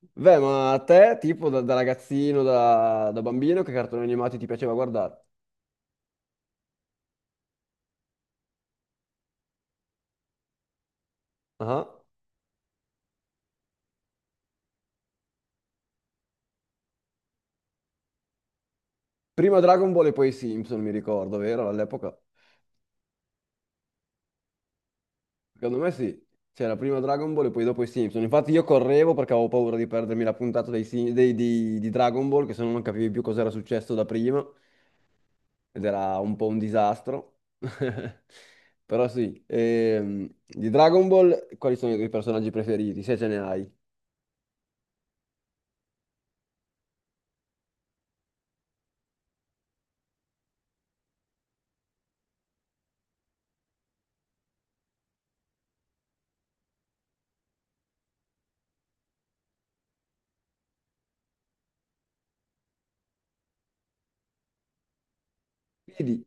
Beh, ma a te, tipo da ragazzino, da bambino, che cartoni animati ti piaceva guardare? Ah. Prima Dragon Ball e poi i Simpson, mi ricordo, vero? All'epoca? Secondo me sì. C'era prima Dragon Ball e poi dopo i Simpson. Infatti io correvo perché avevo paura di perdermi la puntata dei, Sim- dei- di Dragon Ball, che se no non capivi più cosa era successo da prima, ed era un po' un disastro. Però sì, di Dragon Ball, quali sono i tuoi personaggi preferiti, se ce ne hai? Speedy,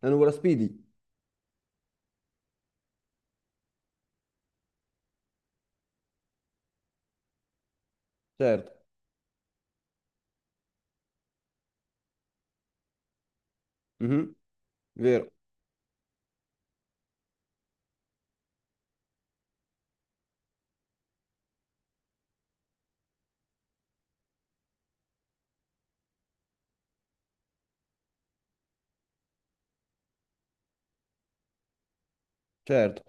la nuvola Speedy, certo. Mhm. Vero, certo.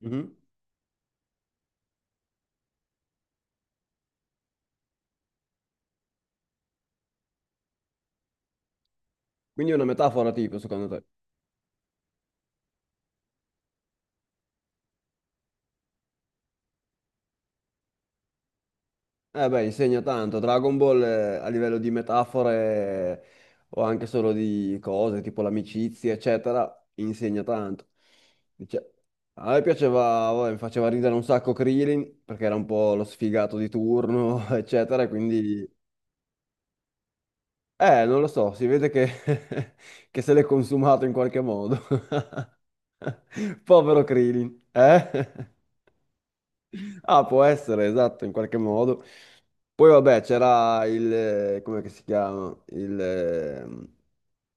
Mhm. Quindi è una metafora tipo, secondo te? Eh beh, insegna tanto. Dragon Ball, a livello di metafore, o anche solo di cose tipo l'amicizia, eccetera, insegna tanto. Dice- A me piaceva, vabbè, mi faceva ridere un sacco Krillin perché era un po' lo sfigato di turno, eccetera, e quindi. Non lo so, si vede che, che se l'è consumato in qualche modo. Povero Krillin, eh? Ah, può essere, esatto, in qualche modo. Poi vabbè, c'era il, come che si chiama?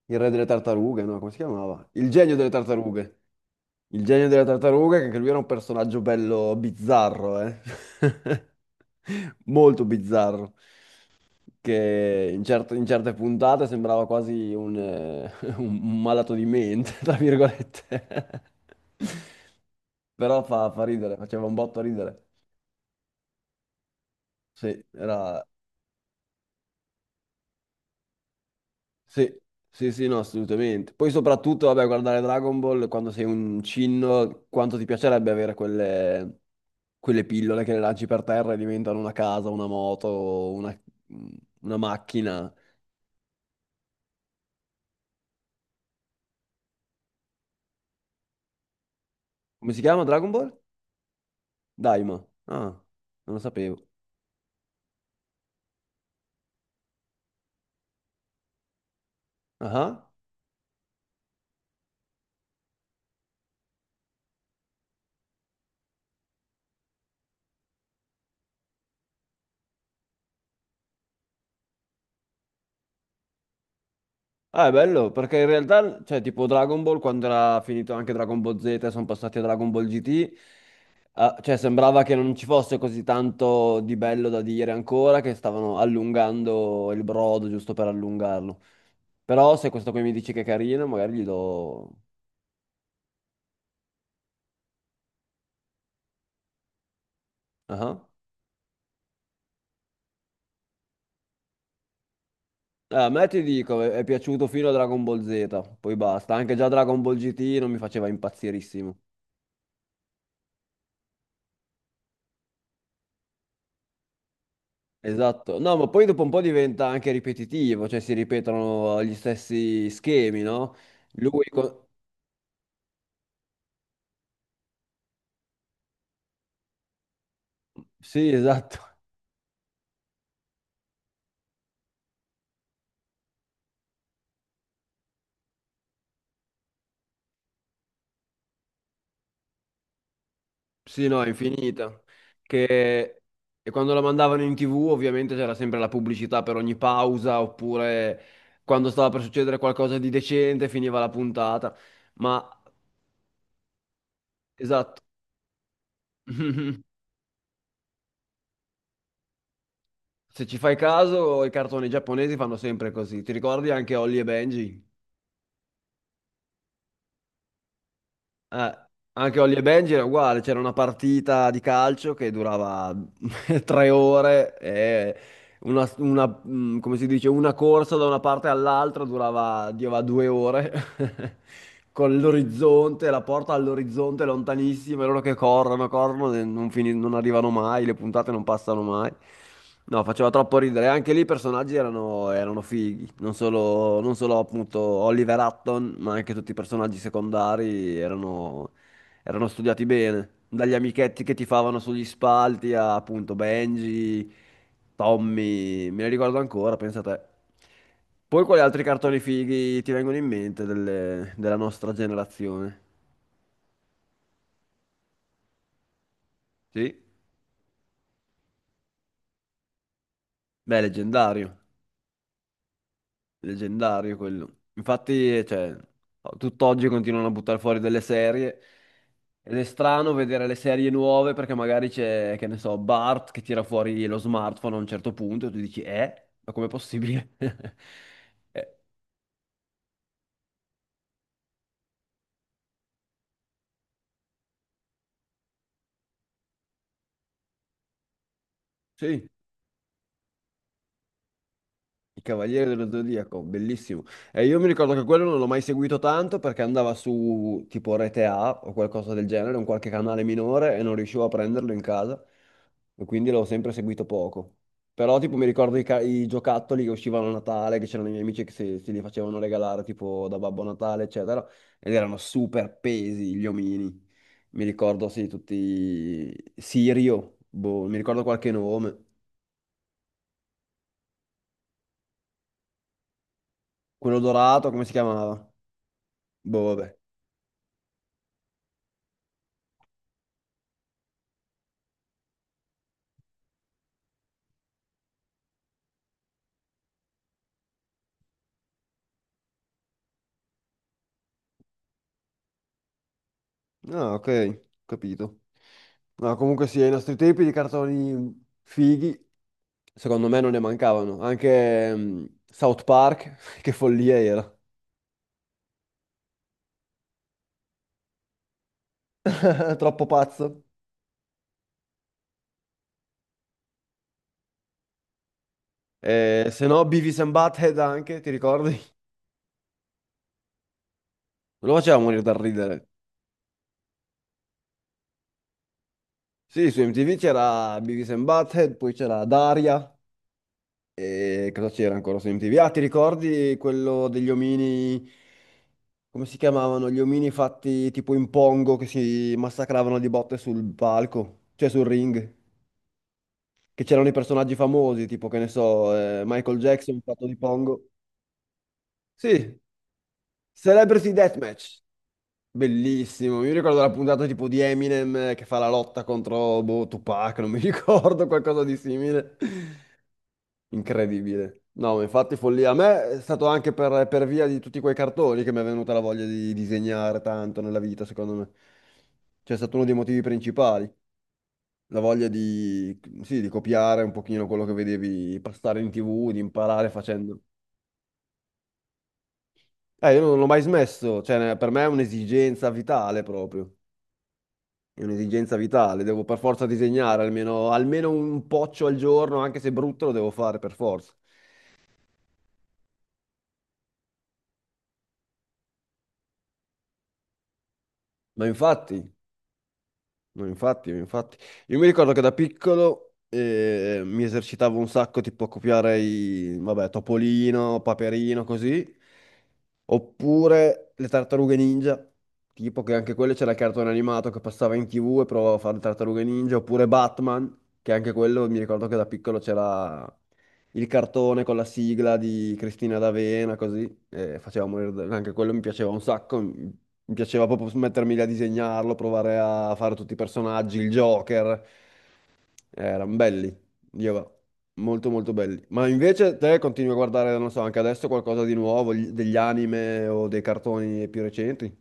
Il re delle tartarughe, no? Come si chiamava? Il genio delle tartarughe. Il genio delle tartarughe, che anche lui era un personaggio bello bizzarro, eh? Molto bizzarro. Che in certe puntate sembrava quasi un, un malato di mente, tra virgolette. Però fa ridere, faceva un botto ridere. Sì, era. Sì, sì, sì, no, assolutamente. Poi soprattutto, vabbè, guardare Dragon Ball quando sei un cinno, quanto ti piacerebbe avere quelle pillole che le lanci per terra e diventano una casa, una moto, una macchina. Come si chiama Dragon Ball? Daima. Ah, non lo sapevo. Ah. Ah, è bello, perché in realtà, cioè, tipo Dragon Ball, quando era finito anche Dragon Ball Z, e sono passati a Dragon Ball GT, ah, cioè, sembrava che non ci fosse così tanto di bello da dire ancora, che stavano allungando il brodo giusto per allungarlo. Però se questo qui mi dici che è carino, magari gli do. Ah. Ah. A me ti dico, è piaciuto fino a Dragon Ball Z, poi basta. Anche già Dragon Ball GT non mi faceva impazzirissimo. Esatto, no, ma poi dopo un po' diventa anche ripetitivo, cioè si ripetono gli stessi schemi, no? Lui, co- sì, esatto, sì, no, è infinita. Che... E quando la mandavano in TV ovviamente c'era sempre la pubblicità per ogni pausa, oppure quando stava per succedere qualcosa di decente finiva la puntata. Ma, esatto, se ci fai caso, i cartoni giapponesi fanno sempre così. Ti ricordi anche Holly e Benji? Eh, anche Holly e Benji era uguale, c'era una partita di calcio che durava 3 ore e una, come si dice, una corsa da una parte all'altra durava 2 ore, con l'orizzonte, la porta all'orizzonte lontanissima, e loro che corrono, corrono, e non arrivano mai, le puntate non passano mai. No, faceva troppo ridere. Anche lì i personaggi erano fighi, non solo, non solo appunto Oliver Hutton, ma anche tutti i personaggi secondari erano studiati bene, dagli amichetti che ti favano sugli spalti a appunto Benji. Tommy, me ne ricordo ancora, pensa a te. Poi quali altri cartoni fighi ti vengono in mente della nostra generazione? Sì? Beh, leggendario, leggendario quello. Infatti, cioè, tutt'oggi continuano a buttare fuori delle serie ed è strano vedere le serie nuove perché magari c'è, che ne so, Bart che tira fuori lo smartphone a un certo punto e tu dici, eh? Ma com'è possibile? Eh, sì. Il Cavaliere dello Zodiaco, bellissimo. E io mi ricordo che quello non l'ho mai seguito tanto perché andava su tipo Rete A o qualcosa del genere, un qualche canale minore e non riuscivo a prenderlo in casa e quindi l'ho sempre seguito poco. Però tipo mi ricordo i giocattoli che uscivano a Natale, che c'erano i miei amici che se li facevano regalare tipo da Babbo Natale, eccetera, ed erano super pesi gli omini. Mi ricordo, sì, tutti. Sirio, boh, mi ricordo qualche nome. Quello dorato, come si chiamava? Boh, vabbè. Ah, ok, capito. No, comunque sì, ai nostri tempi di cartoni fighi, secondo me non ne mancavano. Anche South Park, che follia era. Troppo pazzo. Se no, Beavis and Butthead anche, ti ricordi? Non lo faceva morire dal ridere. Sì, su MTV c'era Beavis and Butthead, poi c'era Daria. E cosa c'era ancora su MTV? Ah, ti ricordi quello degli omini? Come si chiamavano, gli omini fatti tipo in pongo che si massacravano di botte sul palco, cioè sul ring, che c'erano i personaggi famosi, tipo che ne so, Michael Jackson fatto di pongo. Sì, Celebrity Deathmatch, bellissimo. Mi ricordo la puntata tipo di Eminem che fa la lotta contro boh, Tupac, non mi ricordo, qualcosa di simile. Incredibile. No, ma infatti follia. A me è stato anche per via di tutti quei cartoni che mi è venuta la voglia di disegnare tanto nella vita, secondo me. Cioè, è stato uno dei motivi principali. La voglia di, sì, di copiare un pochino quello che vedevi passare in TV, di imparare facendo. Io non l'ho mai smesso. Cioè, per me è un'esigenza vitale proprio. È un'esigenza vitale. Devo per forza disegnare almeno, almeno un poccio al giorno, anche se brutto, lo devo fare per forza. Ma infatti, no, infatti, infatti. Io mi ricordo che da piccolo mi esercitavo un sacco, tipo a copiare i, vabbè, Topolino, Paperino, così. Oppure le tartarughe ninja, tipo che anche quelle c'era il cartone animato che passava in TV e provavo a fare le tartarughe ninja. Oppure Batman, che anche quello mi ricordo che da piccolo c'era il cartone con la sigla di Cristina D'Avena, così, faceva morire, anche quello mi piaceva un sacco, mi piaceva proprio mettermi lì a disegnarlo, provare a fare tutti i personaggi, il Joker, erano belli, io va, molto molto belli. Ma invece te continui a guardare, non so, anche adesso qualcosa di nuovo, degli anime o dei cartoni più recenti?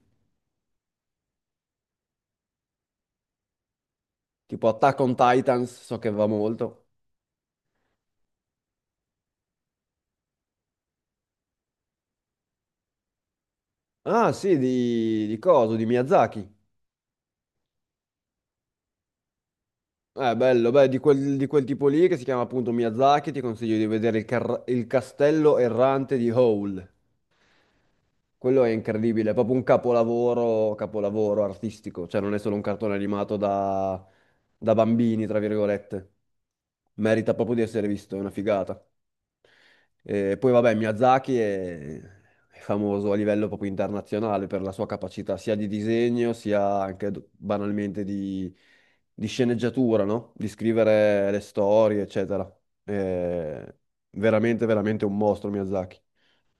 Tipo Attack on Titans, so che va molto. Ah sì, di coso, di Miyazaki. Bello, beh, di quel tipo lì che si chiama appunto Miyazaki, ti consiglio di vedere il Castello Errante di Howl. Quello è incredibile, è proprio un capolavoro, capolavoro artistico, cioè non è solo un cartone animato da bambini, tra virgolette. Merita proprio di essere visto, è una figata. E poi vabbè, Miyazaki è, famoso a livello proprio internazionale per la sua capacità sia di disegno, sia anche banalmente di sceneggiatura, no? Di scrivere le storie, eccetera. È veramente, veramente un mostro Miyazaki.